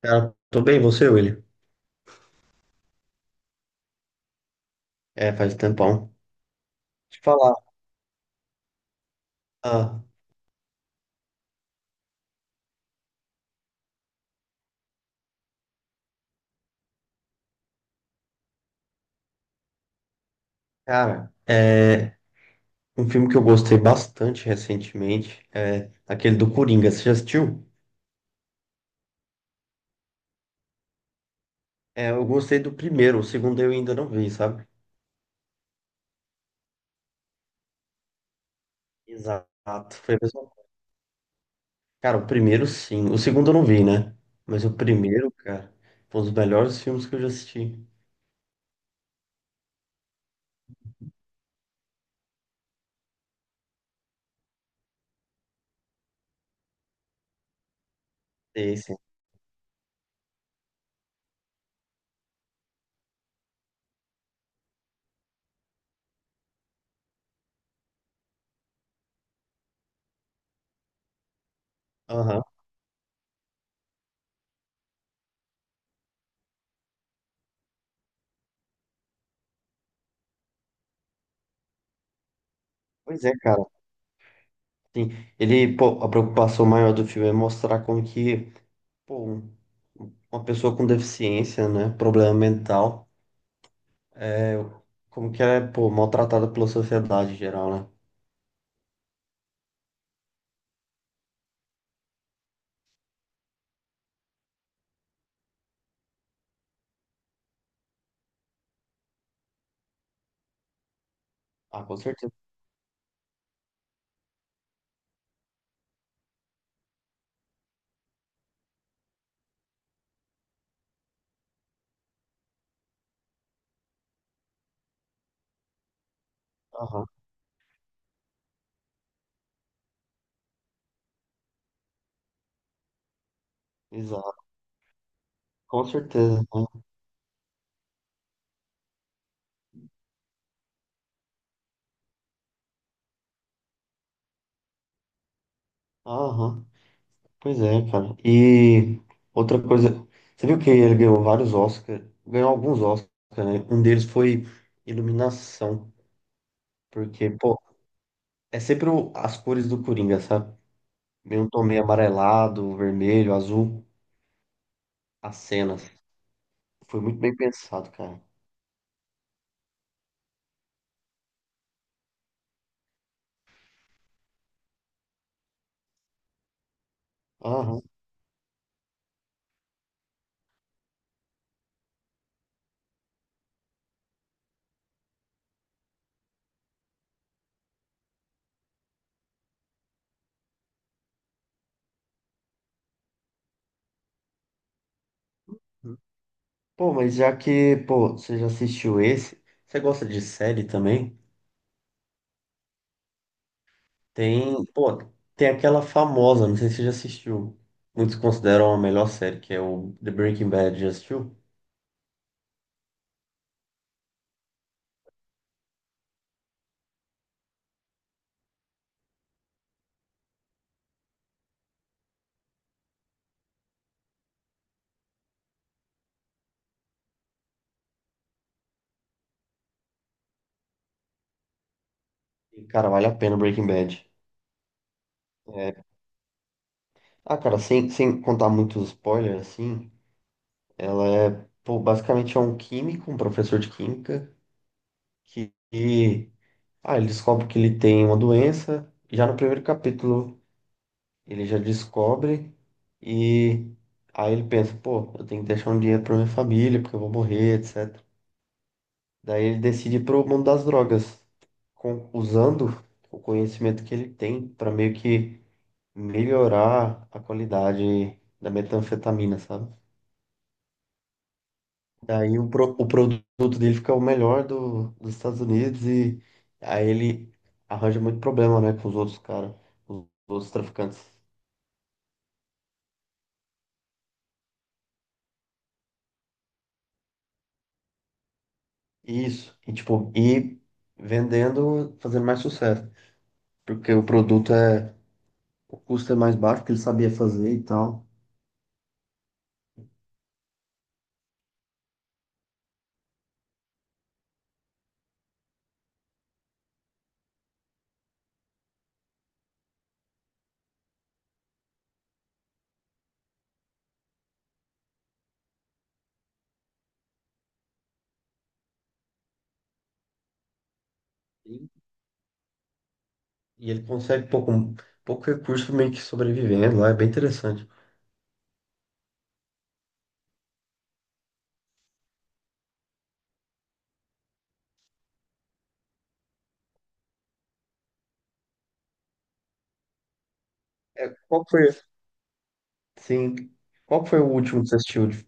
Cara, tô bem, você, William? É, faz um tempão. Deixa eu falar. Ah, cara, é um filme que eu gostei bastante recentemente, é aquele do Coringa. Você já assistiu? É, eu gostei do primeiro, o segundo eu ainda não vi, sabe? Exato. Foi a mesma- Cara, o primeiro sim. O segundo eu não vi, né? Mas o primeiro, cara, foi um dos melhores filmes que eu já assisti. Esse. Aham. Pois é, cara. Sim, ele, pô, a preocupação maior do filme é mostrar como que, pô, uma pessoa com deficiência, né? Problema mental, é, como que é, pô, maltratada pela sociedade em geral, né? Ah, com certeza. Aham, exato. Com certeza, né? Aham. Pois é, cara. E outra coisa, você viu que ele ganhou vários Oscars, ganhou alguns Oscars, né? Um deles foi iluminação, porque, pô, é sempre as cores do Coringa, sabe? Meio um tom meio amarelado, vermelho, azul, as cenas. Foi muito bem pensado, cara. Aham. Pô, mas já que, pô, você já assistiu esse, você gosta de série também? Tem, pô, tem aquela famosa, não sei se você já assistiu. Muitos consideram a melhor série, que é o The Breaking Bad. Já assistiu? E, cara, vale a pena Breaking Bad. É. Ah, cara, sem contar muitos spoilers, assim, ela é, pô, basicamente é um químico, um professor de química, que, que- ah, ele descobre que ele tem uma doença. E já no primeiro capítulo ele já descobre, e aí ele pensa, pô, eu tenho que deixar um dinheiro pra minha família, porque eu vou morrer, etc. Daí ele decide ir pro mundo das drogas, usando o conhecimento que ele tem pra meio que melhorar a qualidade da metanfetamina, sabe? Daí o produto dele fica o melhor do, dos Estados Unidos, e aí ele arranja muito problema, né, com os outros caras, os outros traficantes. Isso, e tipo, e vendendo, fazendo mais sucesso, porque o produto é, o custo é mais baixo, que ele sabia fazer e tal, e, e ele consegue pouco recurso meio que sobrevivendo lá, é bem interessante. É, qual foi, sim, qual foi o último que você assistiu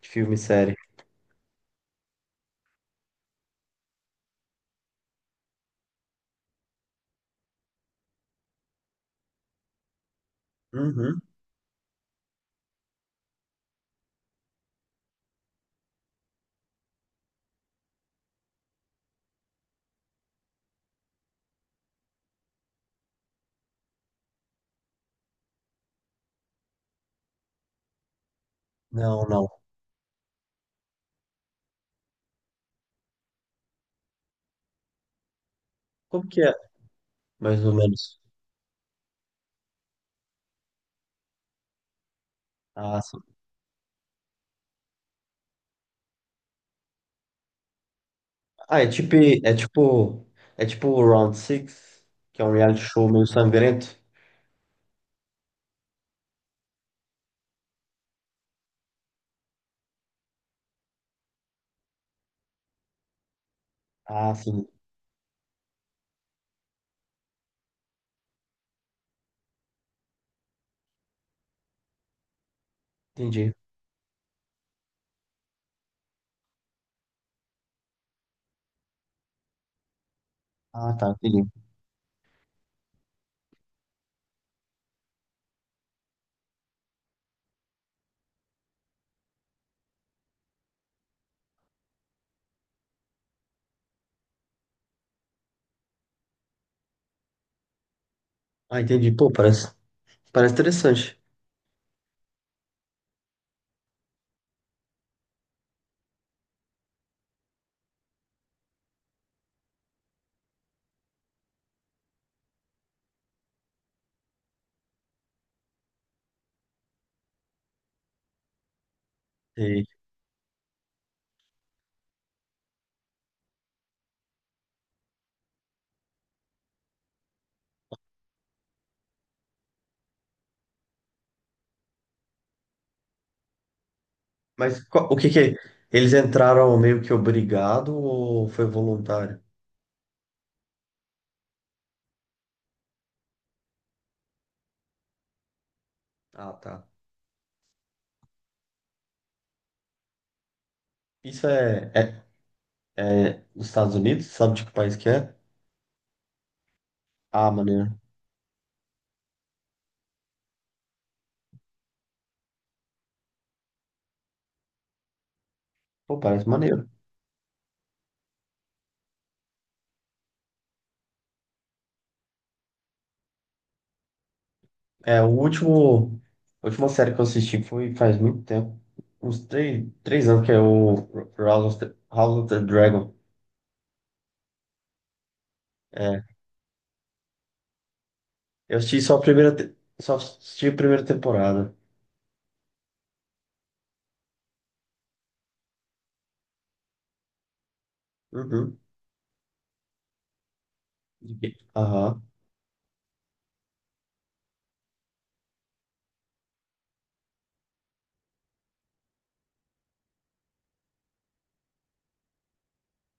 de filme e série? Uhum. Não, não. Como que é? Mais ou menos. Ah, sim. Ah, é tipo, é tipo o Round Six, que é um reality show meio sangrento. Ah, sim, entendi. Ah, tá, entendi. Ah, entendi. Pô, parece interessante. E- mas o que que é? Eles entraram meio que obrigado ou foi voluntário? Ah, tá. Isso é, é, é nos Estados Unidos? Sabe de que país que é? Ah, maneiro. Pô, parece maneiro. É, o último, a última série que eu assisti foi faz muito tempo. Uns três, três anos, que é o House of the Dragon. É, eu assisti só a primeira, te- só assisti a primeira temporada. Uhum. De quê? Aham,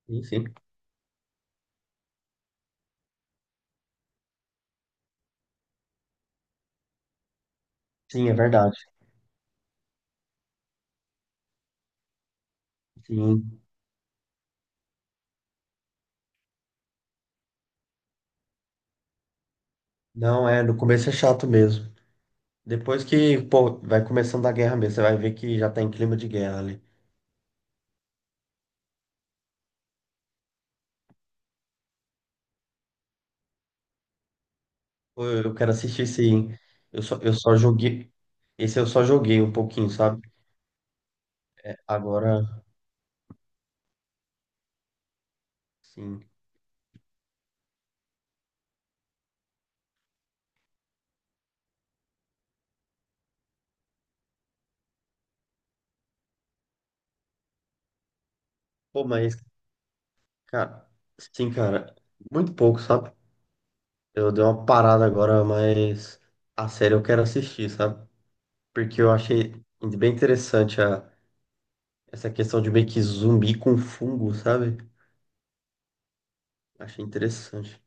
sim, sim. Sim, é verdade. Sim. Não, é, no começo é chato mesmo. Depois que, pô, vai começando a guerra mesmo, você vai ver que já tá em clima de guerra ali. Pô, eu quero assistir esse, hein? Eu só joguei. Esse eu só joguei um pouquinho, sabe? Agora, sim. Pô, mas, cara, sim, cara, muito pouco, sabe? Eu dei uma parada agora, mas a série eu quero assistir, sabe? Porque eu achei bem interessante a, essa questão de meio que zumbi com fungo, sabe? Achei interessante.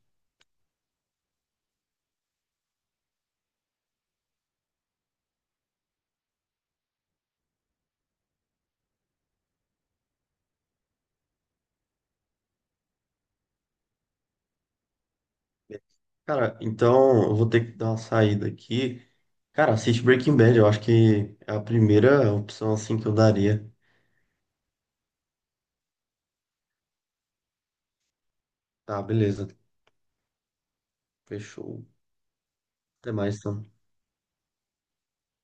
Cara, então eu vou ter que dar uma saída aqui. Cara, assiste Breaking Bad, eu acho que é a primeira opção assim que eu daria. Tá, beleza. Fechou. Até mais, então.